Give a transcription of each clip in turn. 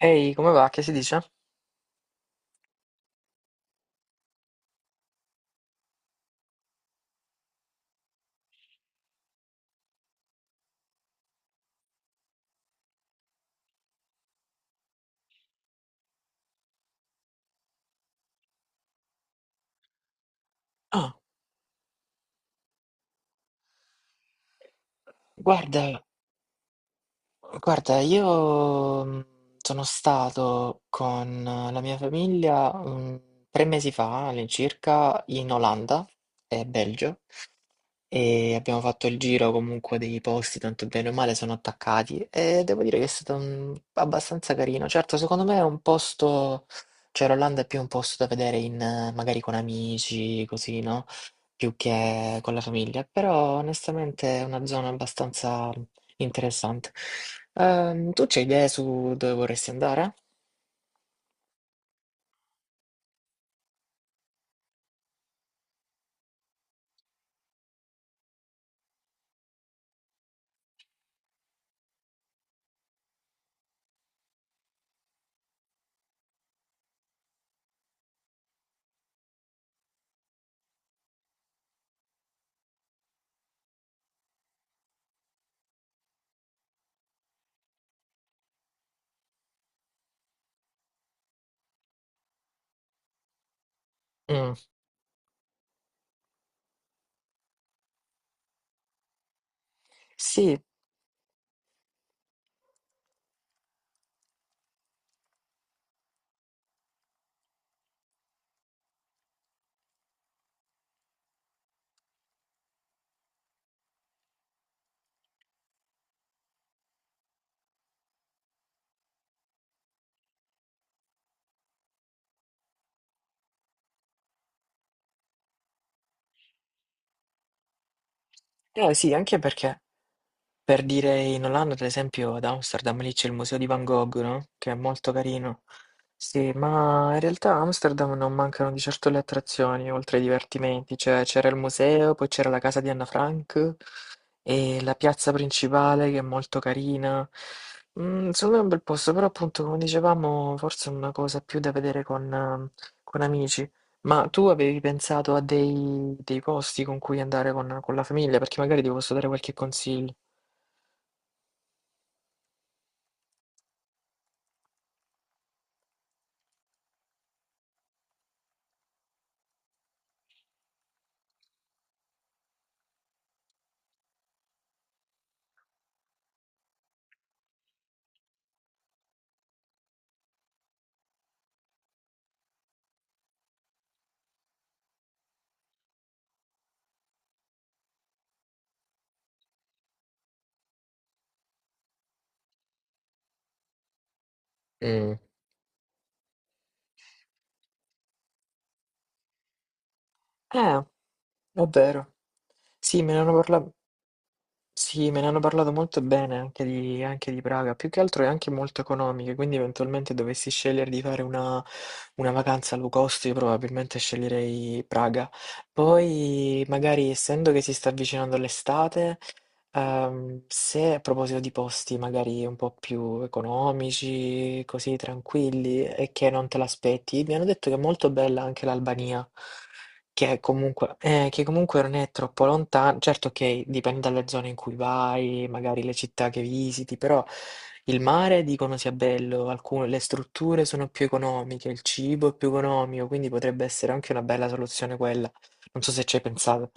Ehi, come va? Che si dice? Ah, guarda, guarda, io sono stato con la mia famiglia 3 mesi fa all'incirca in Olanda e Belgio e abbiamo fatto il giro comunque dei posti, tanto bene o male sono attaccati e devo dire che è stato abbastanza carino. Certo, secondo me è un posto, cioè l'Olanda è più un posto da vedere in, magari con amici, così, no? Più che con la famiglia, però onestamente è una zona abbastanza interessante. Tu c'hai idee su dove vorresti andare? Mm. Sì, sì, anche perché per dire in Olanda, ad esempio, ad Amsterdam lì c'è il museo di Van Gogh, no? Che è molto carino. Sì, ma in realtà a Amsterdam non mancano di certo le attrazioni, oltre ai divertimenti. Cioè, c'era il museo, poi c'era la casa di Anna Frank e la piazza principale che è molto carina. Mm, secondo me è un bel posto, però appunto, come dicevamo, forse è una cosa più da vedere con amici. Ma tu avevi pensato a dei posti con cui andare con la famiglia? Perché magari ti posso dare qualche consiglio. Mm. Eh, è vero. Sì, me ne hanno parla- sì, me ne hanno parlato molto bene anche di Praga. Più che altro è anche molto economica, quindi eventualmente dovessi scegliere di fare una vacanza low cost, io probabilmente sceglierei Praga. Poi, magari, essendo che si sta avvicinando l'estate, se a proposito di posti magari un po' più economici, così tranquilli e che non te l'aspetti, mi hanno detto che è molto bella anche l'Albania. Che comunque non è troppo lontano, certo che dipende dalle zone in cui vai, magari le città che visiti, però il mare dicono sia bello, alcune, le strutture sono più economiche, il cibo è più economico, quindi potrebbe essere anche una bella soluzione quella. Non so se ci hai pensato.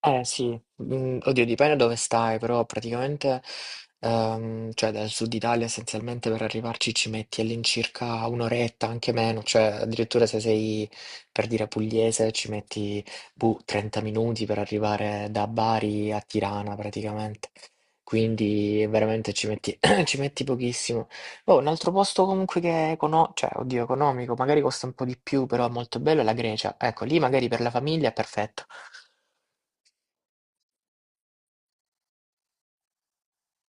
Eh sì, mhmm, oddio dipende dove stai, però praticamente, cioè dal sud Italia essenzialmente per arrivarci ci metti all'incirca 1 oretta, anche meno, cioè addirittura se sei, per dire, pugliese ci metti, boh, 30 minuti per arrivare da Bari a Tirana praticamente. Quindi veramente ci metti ci metti pochissimo. Oh, un altro posto comunque che è econo cioè oddio economico, magari costa un po' di più, però è molto bello è la Grecia. Ecco, lì magari per la famiglia è perfetto.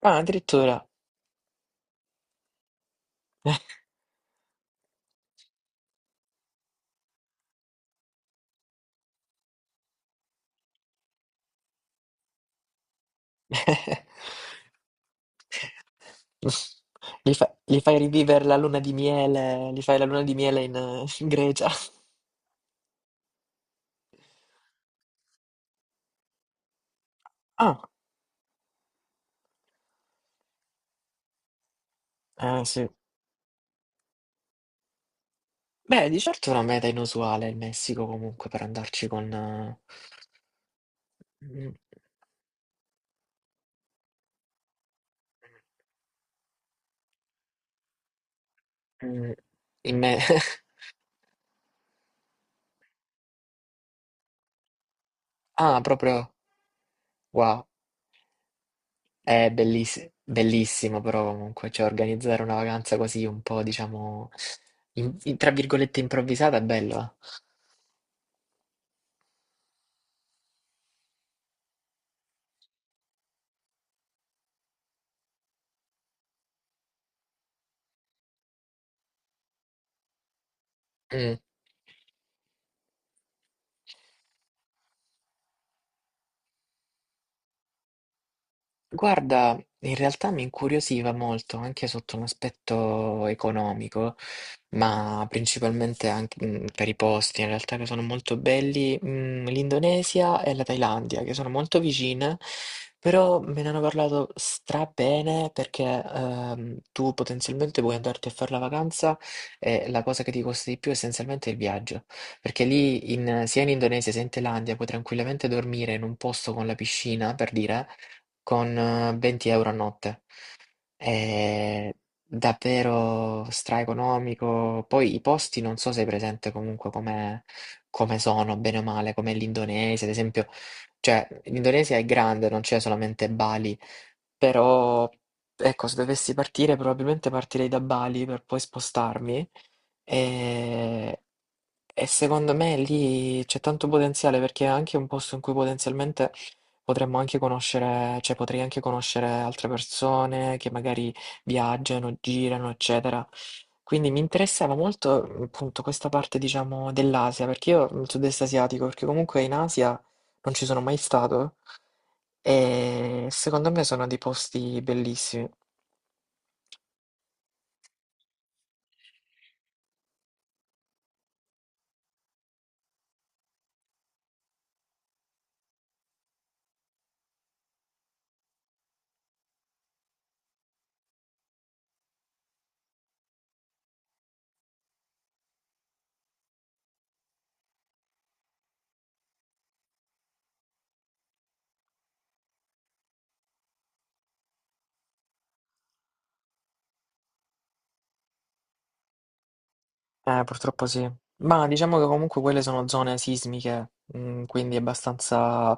Ah, addirittura. Gli fai rivivere la luna di miele, gli fai la luna di miele in, in Grecia. Ah, sì. Beh, di certo è una meta inusuale il Messico comunque per andarci con... mm, mm, in me- Ah, proprio... Wow, bellissimo però comunque, cioè organizzare una vacanza così un po', diciamo, tra virgolette improvvisata è bello. Eh. Mm. Guarda, in realtà mi incuriosiva molto anche sotto un aspetto economico, ma principalmente anche per i posti, in realtà che sono molto belli, l'Indonesia e la Thailandia, che sono molto vicine, però me ne hanno parlato stra bene perché tu potenzialmente puoi andarti a fare la vacanza e la cosa che ti costa di più essenzialmente è il viaggio, perché sia in Indonesia sia in Thailandia puoi tranquillamente dormire in un posto con la piscina, per dire con 20 € a notte. È davvero straeconomico. Poi i posti non so se hai presente comunque come, come sono, bene o male, come l'Indonesia, ad esempio. Cioè, l'Indonesia è grande, non c'è solamente Bali, però ecco, se dovessi partire, probabilmente partirei da Bali per poi spostarmi. E e secondo me lì c'è tanto potenziale perché è anche un posto in cui potenzialmente potremmo anche conoscere, cioè potrei anche conoscere altre persone che magari viaggiano, girano, eccetera. Quindi mi interessava molto appunto questa parte, diciamo, dell'Asia, perché io il sud-est asiatico, perché comunque in Asia non ci sono mai stato e secondo me sono dei posti bellissimi. Purtroppo sì. Ma diciamo che comunque quelle sono zone sismiche, mm, quindi abbastanza...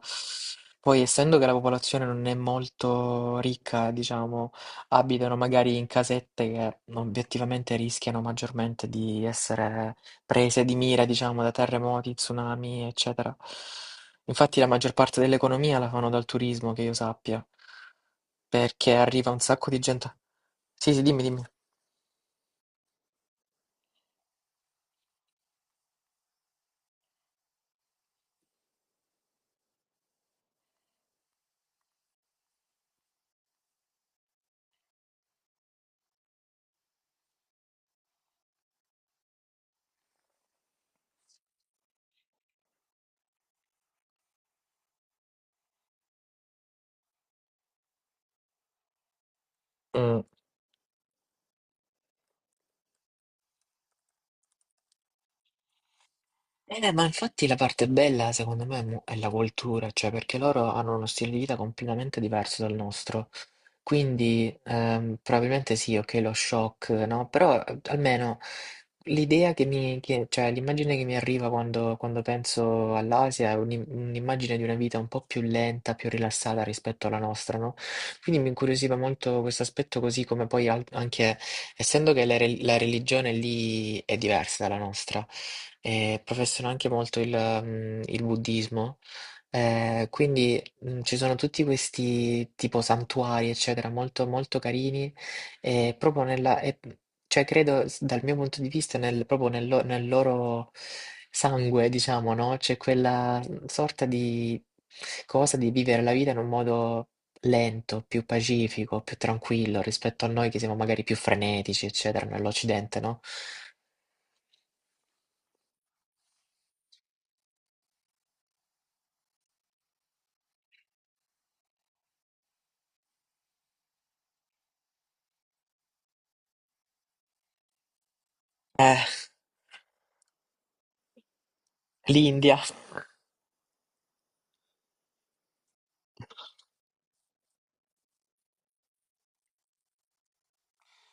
Poi, essendo che la popolazione non è molto ricca, diciamo, abitano magari in casette che obiettivamente rischiano maggiormente di essere prese di mira, diciamo, da terremoti, tsunami, eccetera. Infatti la maggior parte dell'economia la fanno dal turismo, che io sappia, perché arriva un sacco di gente. Sì, sì, dimmi, dimmi. Mm. Ma infatti la parte bella secondo me è la cultura, cioè perché loro hanno uno stile di vita completamente diverso dal nostro. Quindi probabilmente sì, ok, lo shock, no? Però almeno l'idea che cioè l'immagine che mi arriva quando, quando penso all'Asia è un'immagine di una vita un po' più lenta, più rilassata rispetto alla nostra, no? Quindi mi incuriosiva molto questo aspetto così come anche, essendo che la religione lì è diversa dalla nostra e professano anche molto il, mhmm, il buddismo. Quindi, mhmm, ci sono tutti questi tipo santuari, eccetera, molto, molto carini e proprio cioè credo s dal mio punto di vista nel proprio nel lo nel loro sangue, diciamo, no, c'è quella, mhmm, sorta di cosa di vivere la vita in un modo lento, più pacifico, più tranquillo rispetto a noi che siamo magari più frenetici, eccetera, nell'Occidente, no? Eh, l'India.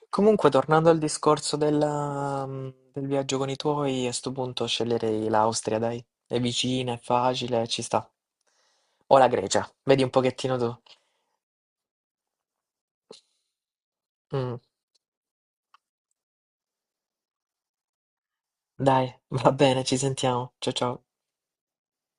Comunque, tornando al discorso della, del viaggio con i tuoi, a sto punto sceglierei l'Austria, dai. È vicina, è facile, ci sta. O la Grecia, vedi un pochettino tu. Mm, dai, va bene, ci sentiamo. Ciao ciao.